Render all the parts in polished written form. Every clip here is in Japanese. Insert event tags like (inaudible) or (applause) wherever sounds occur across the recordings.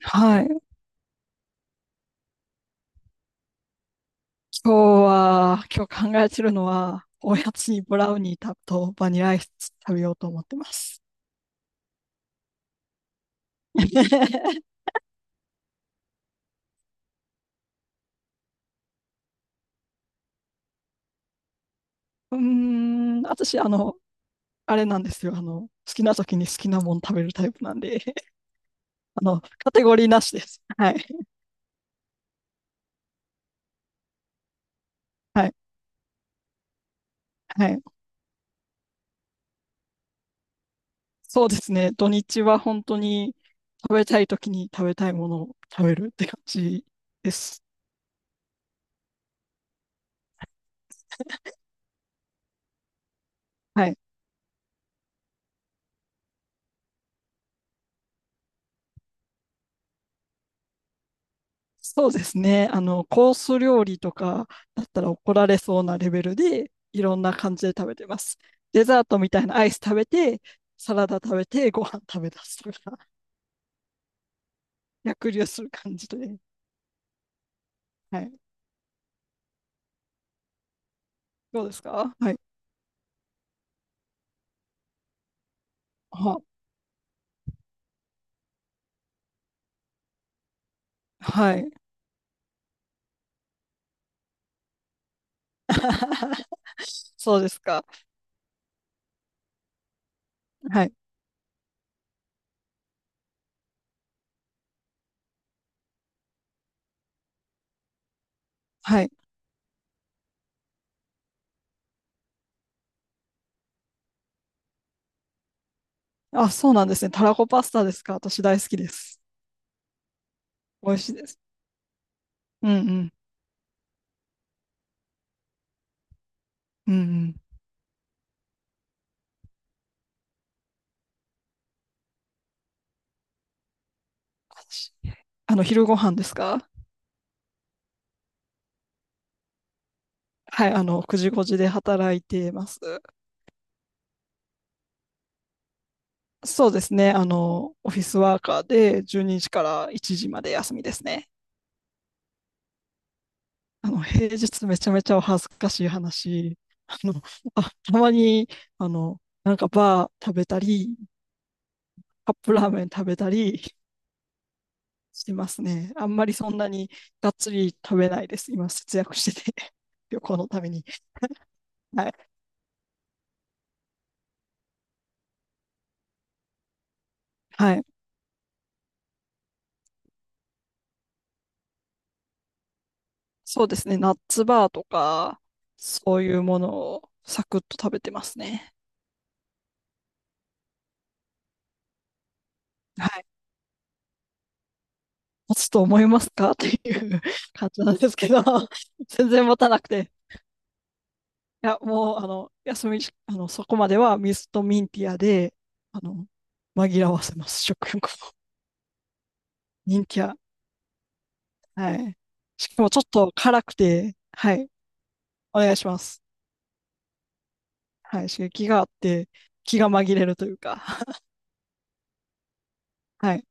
はい。今日考えてるのは、おやつにブラウニーとバニラアイス食べようと思ってます。(laughs) うーん、私、あれなんですよ。好きな時に好きなもん食べるタイプなんで、(laughs) カテゴリーなしです。はい。はい。はい。そうですね。土日は本当に食べたい時に食べたいものを食べるって感じです。はい。そうですね。コース料理とかだったら怒られそうなレベルで、いろんな感じで食べてます。デザートみたいなアイス食べて、サラダ食べて、ご飯食べ出すとか、(laughs) 逆流する感じで。はい。どうですか？はい。ははい。(laughs) そうですか。はい。はい。あ、そうなんですね。たらこパスタですか？私大好きです。美味しいです。うんうん。うんうん。私、昼ご飯ですか？はい。9時5時で働いてます。そうですね。オフィスワーカーで12時から1時まで休みですね。平日めちゃめちゃお恥ずかしい話。あの、たまに、なんかバー食べたり、カップラーメン食べたりしてますね。あんまりそんなにがっつり食べないです。今、節約してて (laughs) 旅行のために。はい。はい。そうですね。ナッツバーとか、そういうものをサクッと食べてますね。はい。持つと思いますかっていう感じなんですけど、(laughs) 全然持たなくて。いや、もう、休みし、そこまでは水とミンティアで、あの、紛らわせます、食欲を。ミンティア。はい。しかもちょっと辛くて、はい。お願いします。はい。刺激があって、気が紛れるというか。はい。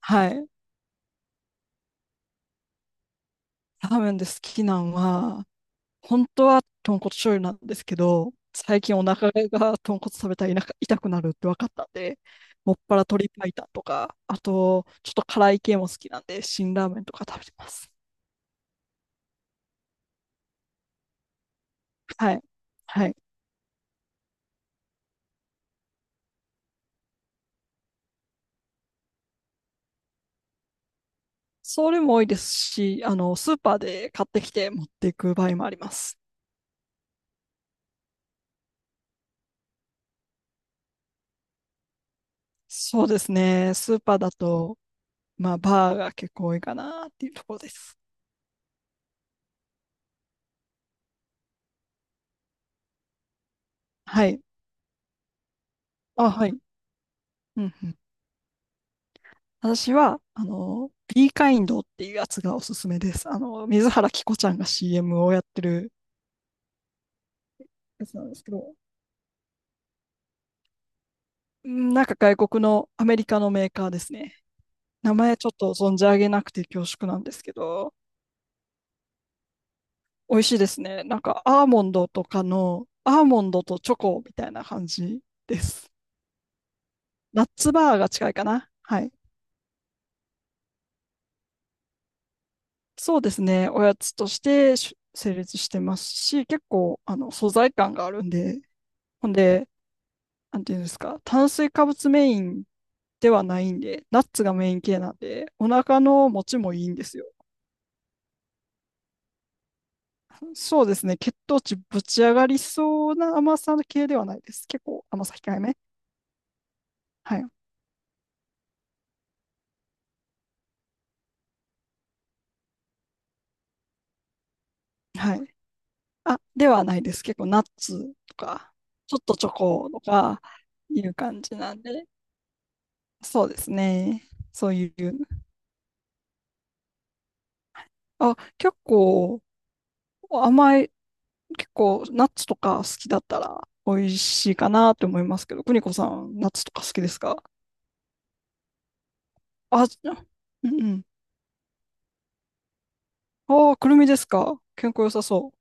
はい。ラーメンで好きなんは、本当は豚骨醤油なんですけど、最近お腹が豚骨食べたら痛くなるって分かったんで、もっぱら鶏白湯とか、あと、ちょっと辛い系も好きなんで、辛ラーメンとか食べてます。はい。はい。それも多いですし、スーパーで買ってきて持っていく場合もあります。そうですね。スーパーだと、まあ、バーが結構多いかなっていうところです。はい。あ、はい。うんうん。私は、ビーカインドっていうやつがおすすめです。水原希子ちゃんが CM をやってるやつなんですけど、うん。なんか外国のアメリカのメーカーですね。名前ちょっと存じ上げなくて恐縮なんですけど、美味しいですね。なんかアーモンドとチョコみたいな感じです。ナッツバーが近いかな。はい。そうですね。おやつとして成立してますし、結構、素材感があるんで、ほんで、なんていうんですか、炭水化物メインではないんで、ナッツがメイン系なんで、お腹の持ちもいいんですよ。そうですね、血糖値ぶち上がりそうな甘さ系ではないです。結構甘さ控えめ。はい。はい。あ、ではないです。結構ナッツとか、ちょっとチョコとかいう感じなんで、そうですね。そういう。あ、甘い、結構ナッツとか好きだったら美味しいかなって思いますけど、邦子さん、ナッツとか好きですか？あ、じゃ、うんうん。ああ、くるみですか？健康良さそ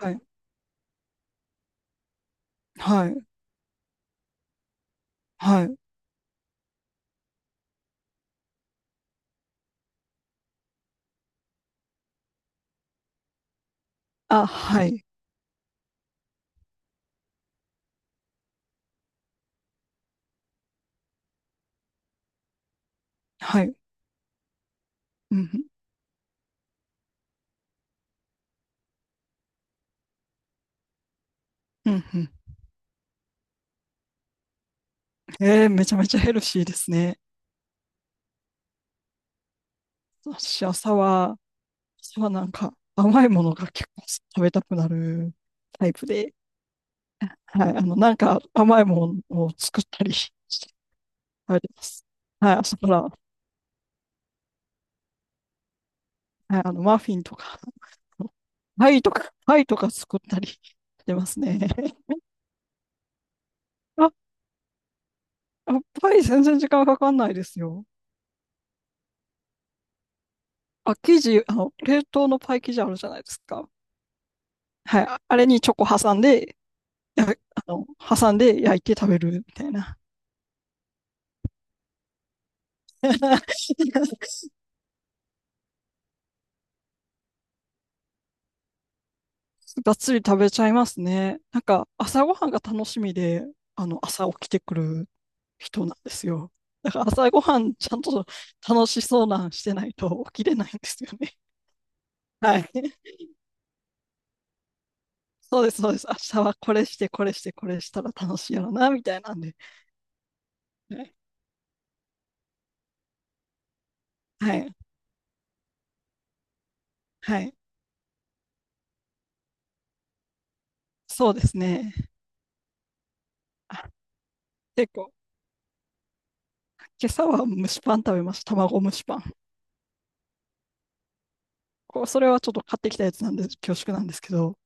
う。はい。はい。はい。あ、はい。はい。うん。うん。うん。めちゃめちゃヘルシーですね。私、朝はなんか甘いものが結構食べたくなるタイプで、はい。なんか甘いものを作ったり (laughs)、食べてます。はい。朝から、はい。マフィンとか、パイとか作ったり (laughs) してますね。(laughs) あ、パイ全然時間かかんないですよ。あ、冷凍のパイ生地あるじゃないですか。はい。あれにチョコ挟んで、や、(laughs) あの、挟んで焼いて食べるみたいな。(laughs) がっつり食べちゃいますね。なんか、朝ごはんが楽しみで、朝起きてくる人なんですよ。だから朝ごはんちゃんと楽しそうなんしてないと起きれないんですよね。はい。(laughs) そうです、そうです。明日はこれして、これして、これしたら楽しいやろな、みたいなんで。はい。はい。はい。そうですね。あ、結構。今朝は蒸しパン食べました。卵蒸しパン。それはちょっと買ってきたやつなんで恐縮なんですけど、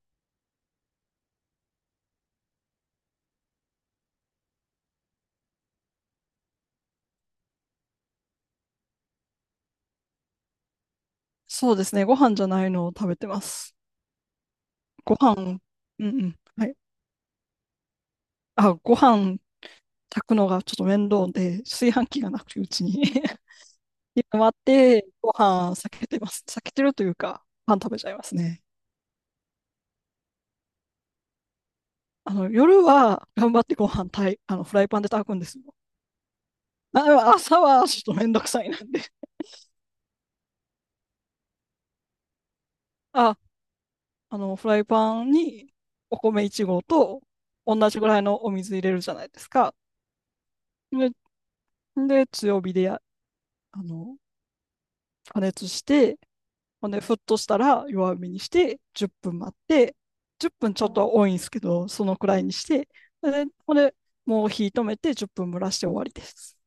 そうですね、ご飯じゃないのを食べてます。ご飯、うんうん、はい。あ、ご飯炊くのがちょっと面倒で、炊飯器がなくてうちに (laughs) 今まって、ご飯避けてます。避けてるというか、パン食べちゃいますね。夜は頑張ってご飯炊い、フライパンで炊くんですよ。あ、でも朝はちょっと面倒くさいなんで。あフライパンにお米1合と同じぐらいのお水入れるじゃないですか。で、で強火でや、あの、加熱して、ほんで、沸騰したら弱火にして、10分待って、10分ちょっとは多いんですけど、そのくらいにして、で、ほんで、もう火止めて10分蒸らして終わりです。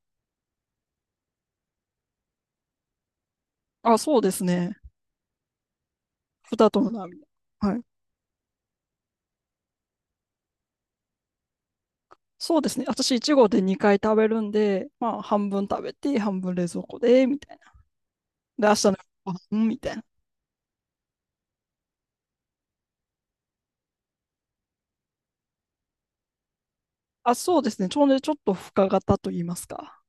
あ、そうですね。ふたともなみ。はい。そうですね。私、1合で2回食べるんで、まあ、半分食べて、半分冷蔵庫で、みたいな。で、明日のご飯みたいな。あ、そうですね。ちょうどちょっと深型と言いますか。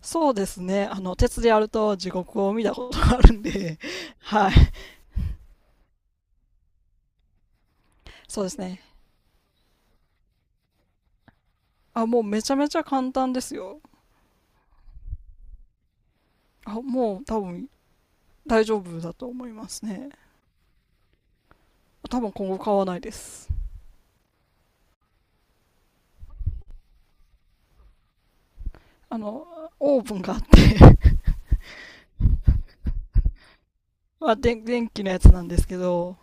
そうですね。鉄でやると地獄を見たことがあるんで、(laughs) はい。そうですね。あ、もうめちゃめちゃ簡単ですよ。あ、もう多分大丈夫だと思いますね。多分今後買わないです。あの、オーブンがあって (laughs) まあ、電気のやつなんですけど、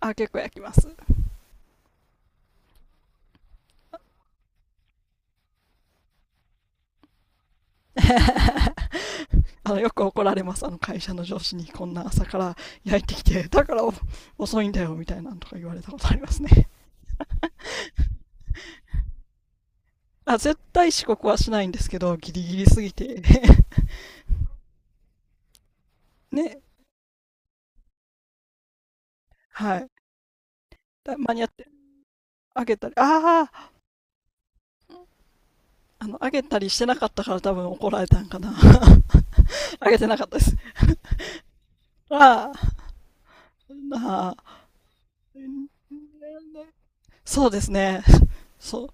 あ、結構焼きます。(laughs) よく怒られます、あの会社の上司にこんな朝から焼いてきて、だから遅いんだよみたいなのとか言われたことありますね。あ絶対遅刻はしないんですけど、ギリギリすぎて (laughs) ね、はい。だ間に合って、あげたり、ああ、あげたりしてなかったから多分怒られたんかな (laughs)。あげてなかったです。ああ、なあ、そうですね。そう、